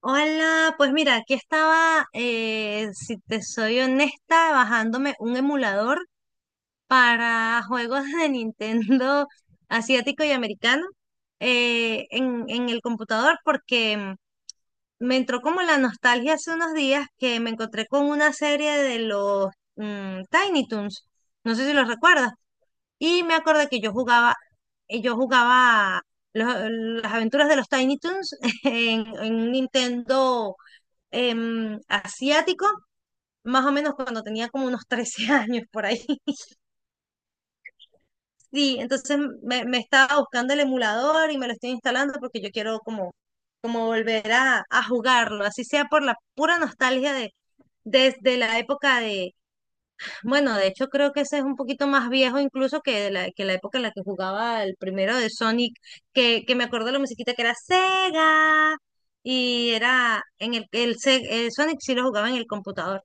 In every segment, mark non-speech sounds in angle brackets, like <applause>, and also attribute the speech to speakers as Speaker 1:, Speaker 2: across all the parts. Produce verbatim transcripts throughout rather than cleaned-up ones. Speaker 1: Hola, pues mira, aquí estaba, eh, si te soy honesta, bajándome un emulador para juegos de Nintendo asiático y americano, eh, en, en el computador porque mm, me entró como la nostalgia hace unos días que me encontré con una serie de los mm, Tiny Toons, no sé si los recuerdas, y me acordé que yo jugaba, eh, yo jugaba los- las aventuras de los Tiny Toons <laughs> en, en un Nintendo, em, asiático, más o menos cuando tenía como unos <laughs> trece años por ahí. <laughs> Sí, entonces me, me estaba buscando el emulador y me lo estoy instalando porque yo quiero como, como volver a, a jugarlo, así sea por la pura nostalgia de desde la época de, bueno, de hecho creo que ese es un poquito más viejo incluso que la, que la época en la que jugaba el primero de Sonic, que, que me acuerdo de la musiquita que era Sega y era en el, el, Se- el Sonic sí lo jugaba en el computador.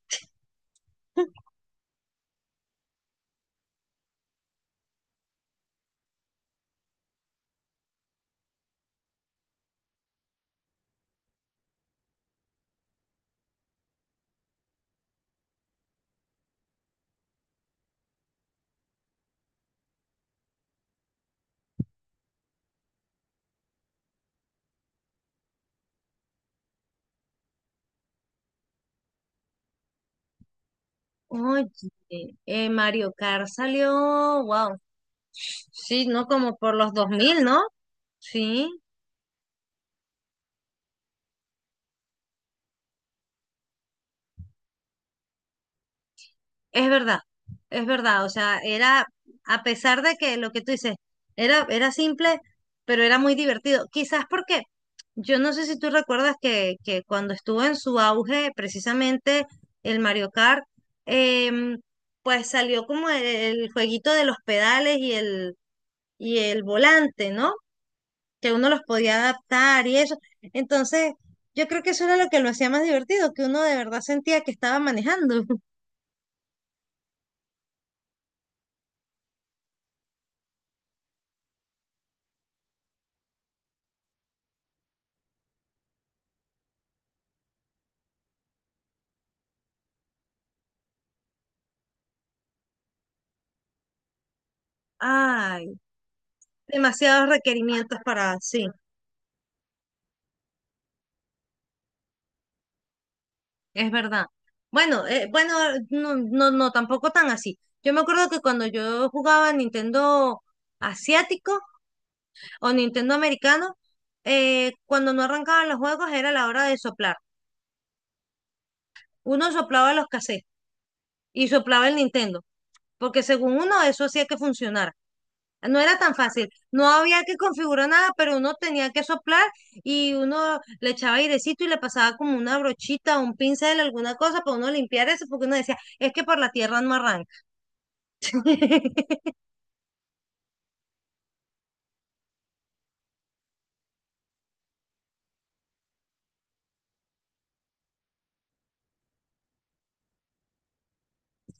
Speaker 1: Oye, eh, Mario Kart salió, wow, sí, ¿no? Como por los dos mil, ¿no? Sí, es verdad, es verdad, o sea, era, a pesar de que lo que tú dices, era, era simple, pero era muy divertido. Quizás porque, yo no sé si tú recuerdas que, que cuando estuvo en su auge, precisamente el Mario Kart, em, pues salió como el, el jueguito de los pedales y el, y el volante, ¿no? Que uno los podía adaptar y eso. Entonces, yo creo que eso era lo que lo hacía más divertido, que uno de verdad sentía que estaba manejando. <laughs> Ay, demasiados requerimientos para, sí, es verdad. Bueno, eh, bueno, no, no, no, tampoco tan así. Yo me acuerdo que cuando yo jugaba Nintendo asiático o Nintendo americano, eh, cuando no arrancaban los juegos era la hora de soplar. Uno soplaba los cassettes y soplaba el Nintendo, porque según uno eso hacía que funcionara. No era tan fácil, no había que configurar nada, pero uno tenía que soplar y uno le echaba airecito y le pasaba como una brochita, un pincel, alguna cosa para uno limpiar eso, porque uno decía, es que por la tierra no arranca. <laughs>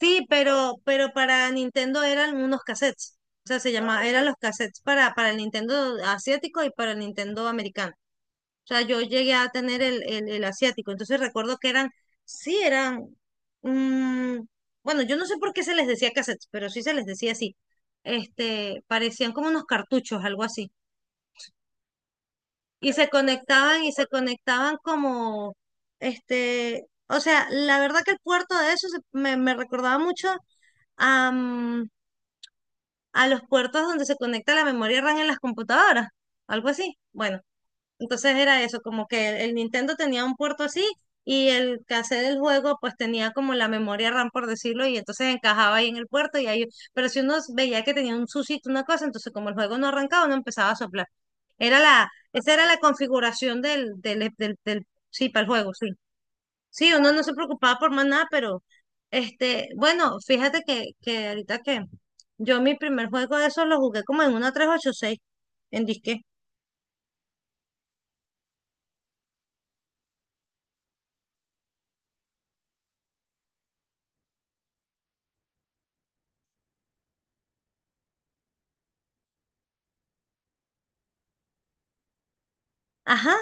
Speaker 1: Sí, pero, pero para Nintendo eran unos cassettes, o sea, se llamaba, eran los cassettes para, para el Nintendo asiático y para el Nintendo americano. O sea, yo llegué a tener el, el, el asiático. Entonces recuerdo que eran, sí, eran, mm, bueno, yo no sé por qué se les decía cassettes, pero sí se les decía así. Este, parecían como unos cartuchos, algo así. Y se conectaban y se conectaban como, este, o sea, la verdad que el puerto de eso se- me, me recordaba mucho a, mm, a los puertos donde se conecta la memoria RAM en las computadoras, algo así. Bueno, entonces era eso, como que el, el Nintendo tenía un puerto así y el cassette del juego pues tenía como la memoria RAM, por decirlo, y entonces encajaba ahí en el puerto y ahí, pero si uno veía que tenía un susito, una cosa, entonces como el juego no arrancaba, no empezaba a soplar. Era la, esa era la configuración del, del, del, del- sí, para el juego, sí. Sí, uno no se preocupaba por más nada, pero este, bueno, fíjate que, que ahorita que yo, mi primer juego de esos lo jugué como en una tres ocho seis, en disque. Ajá.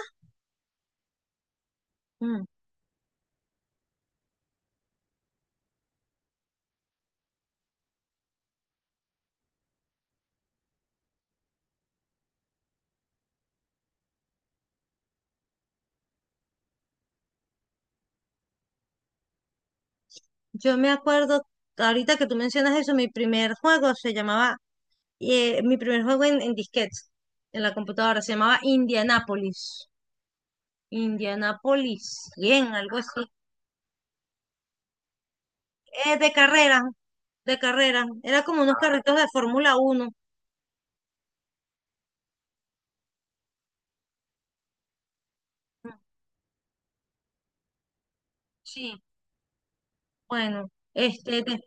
Speaker 1: Yo me acuerdo, ahorita que tú mencionas eso, mi primer juego se llamaba, eh, mi primer juego en, en disquetes, en la computadora, se llamaba Indianapolis. Indianapolis, bien, algo así. Eh, de carrera, de carrera. Era como unos carritos de Fórmula Uno. Sí, bueno, este, de,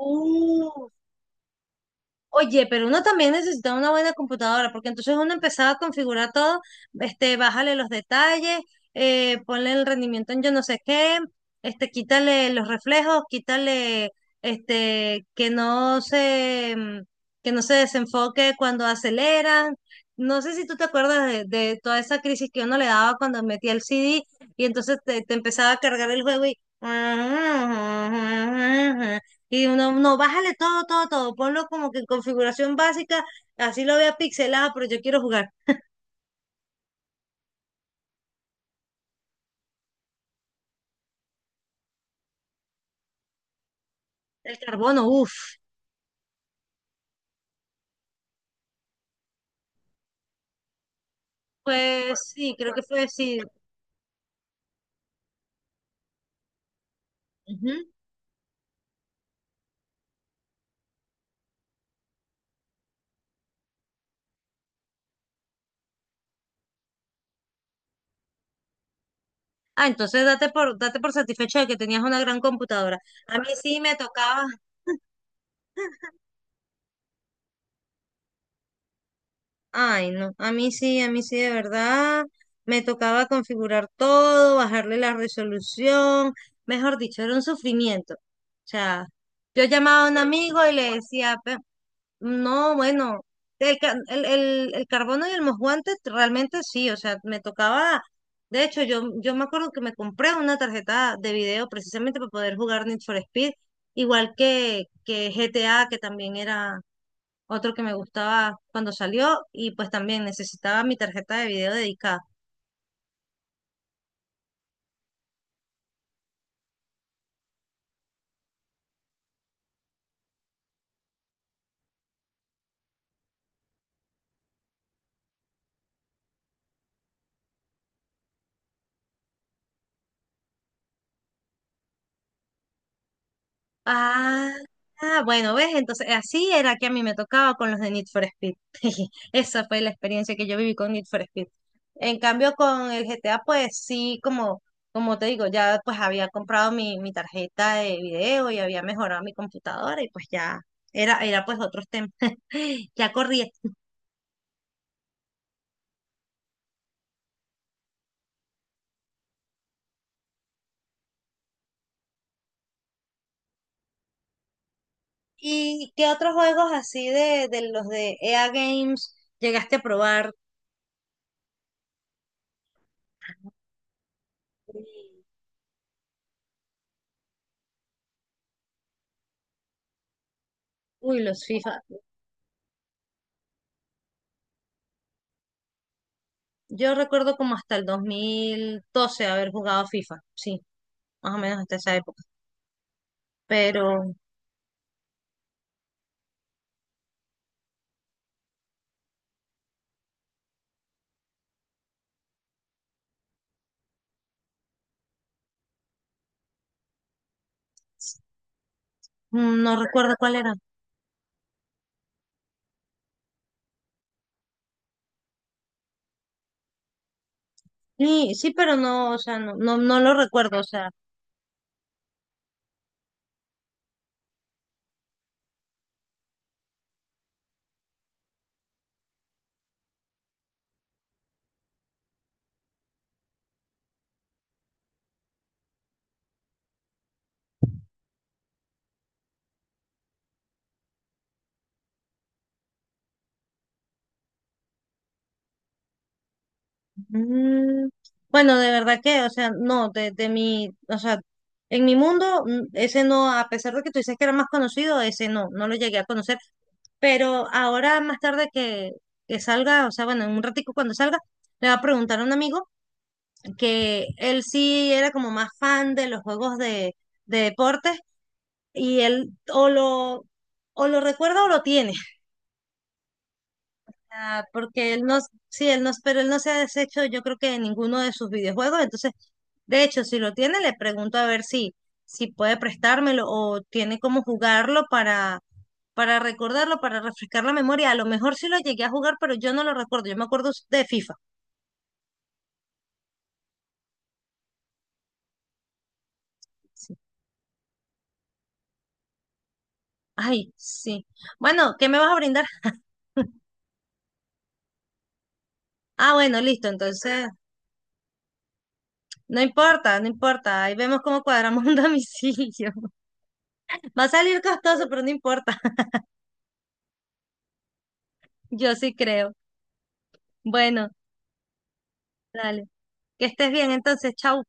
Speaker 1: uh, oye, pero uno también necesita una buena computadora, porque entonces uno empezaba a configurar todo, este, bájale los detalles, eh, ponle el rendimiento en yo no sé qué, este, quítale los reflejos, quítale, este, que no se, mm, que no se desenfoque cuando aceleran. No sé si tú te acuerdas de, de toda esa crisis que uno le daba cuando metía el C D y entonces te, te empezaba a cargar el juego y... Y uno no, bájale todo, todo, todo. Ponlo como que en configuración básica, así lo vea pixelado, pero yo quiero jugar. El carbono, uff. Pues sí, creo que fue sí. Ujú. Ah, entonces date por, date por satisfecho de que tenías una gran computadora. A mí sí me tocaba. Ay, no, a mí sí, a mí sí, de verdad. Me tocaba configurar todo, bajarle la resolución, mejor dicho, era un sufrimiento. O sea, yo llamaba a un amigo y le decía, no, bueno, el, ca- el, el, el carbono y el mosguante realmente sí, o sea, me tocaba, de hecho yo, yo me acuerdo que me compré una tarjeta de video precisamente para poder jugar Need for Speed, igual que, que G T A, que también era otro que me gustaba cuando salió y pues también necesitaba mi tarjeta de video dedicada. Ah, ah, bueno, ¿ves? Entonces, así era que a mí me tocaba con los de Need for Speed. <laughs> Esa fue la experiencia que yo viví con Need for Speed. En cambio, con el G T A, pues sí, como, como te digo, ya pues había comprado mi, mi tarjeta de video y había mejorado mi computadora y pues ya era, era pues otros temas. <laughs> Ya corría. ¿Y qué otros juegos así de, de los de E A Games llegaste a probar? Uy, los FIFA. Yo recuerdo como hasta el dos mil doce haber jugado FIFA, sí, más o menos hasta esa época, pero mm, no recuerdo cuál era. Sí, sí, pero no, o sea, no, no, no lo recuerdo, o sea, mm, bueno, de verdad que, o sea, no, de, de mi, o sea, en mi mundo, mm, ese no, a pesar de que tú dices que era más conocido, ese no, no lo llegué a conocer, pero ahora más tarde que, que salga, o sea, bueno, en un ratico cuando salga, le va a preguntar a un amigo que él sí era como más fan de los juegos de, de deportes y él o lo, o lo recuerda o lo tiene, ah, porque él no, sí, él no, pero él no se ha deshecho yo creo que de ninguno de sus videojuegos, entonces, de hecho, si lo tiene, le pregunto a ver si, si puede prestármelo o tiene cómo jugarlo para, para recordarlo, para refrescar la memoria, a lo mejor sí lo llegué a jugar, pero yo no lo recuerdo, yo me acuerdo de FIFA. Sí. Ay, sí. Bueno, ¿qué me vas a brindar? Ah, bueno, listo, entonces no importa, no importa. Ahí vemos cómo cuadramos un <laughs> domicilio. Va a salir costoso, pero no importa. <laughs> Yo sí creo. Bueno, dale. Que estés bien entonces. Chao.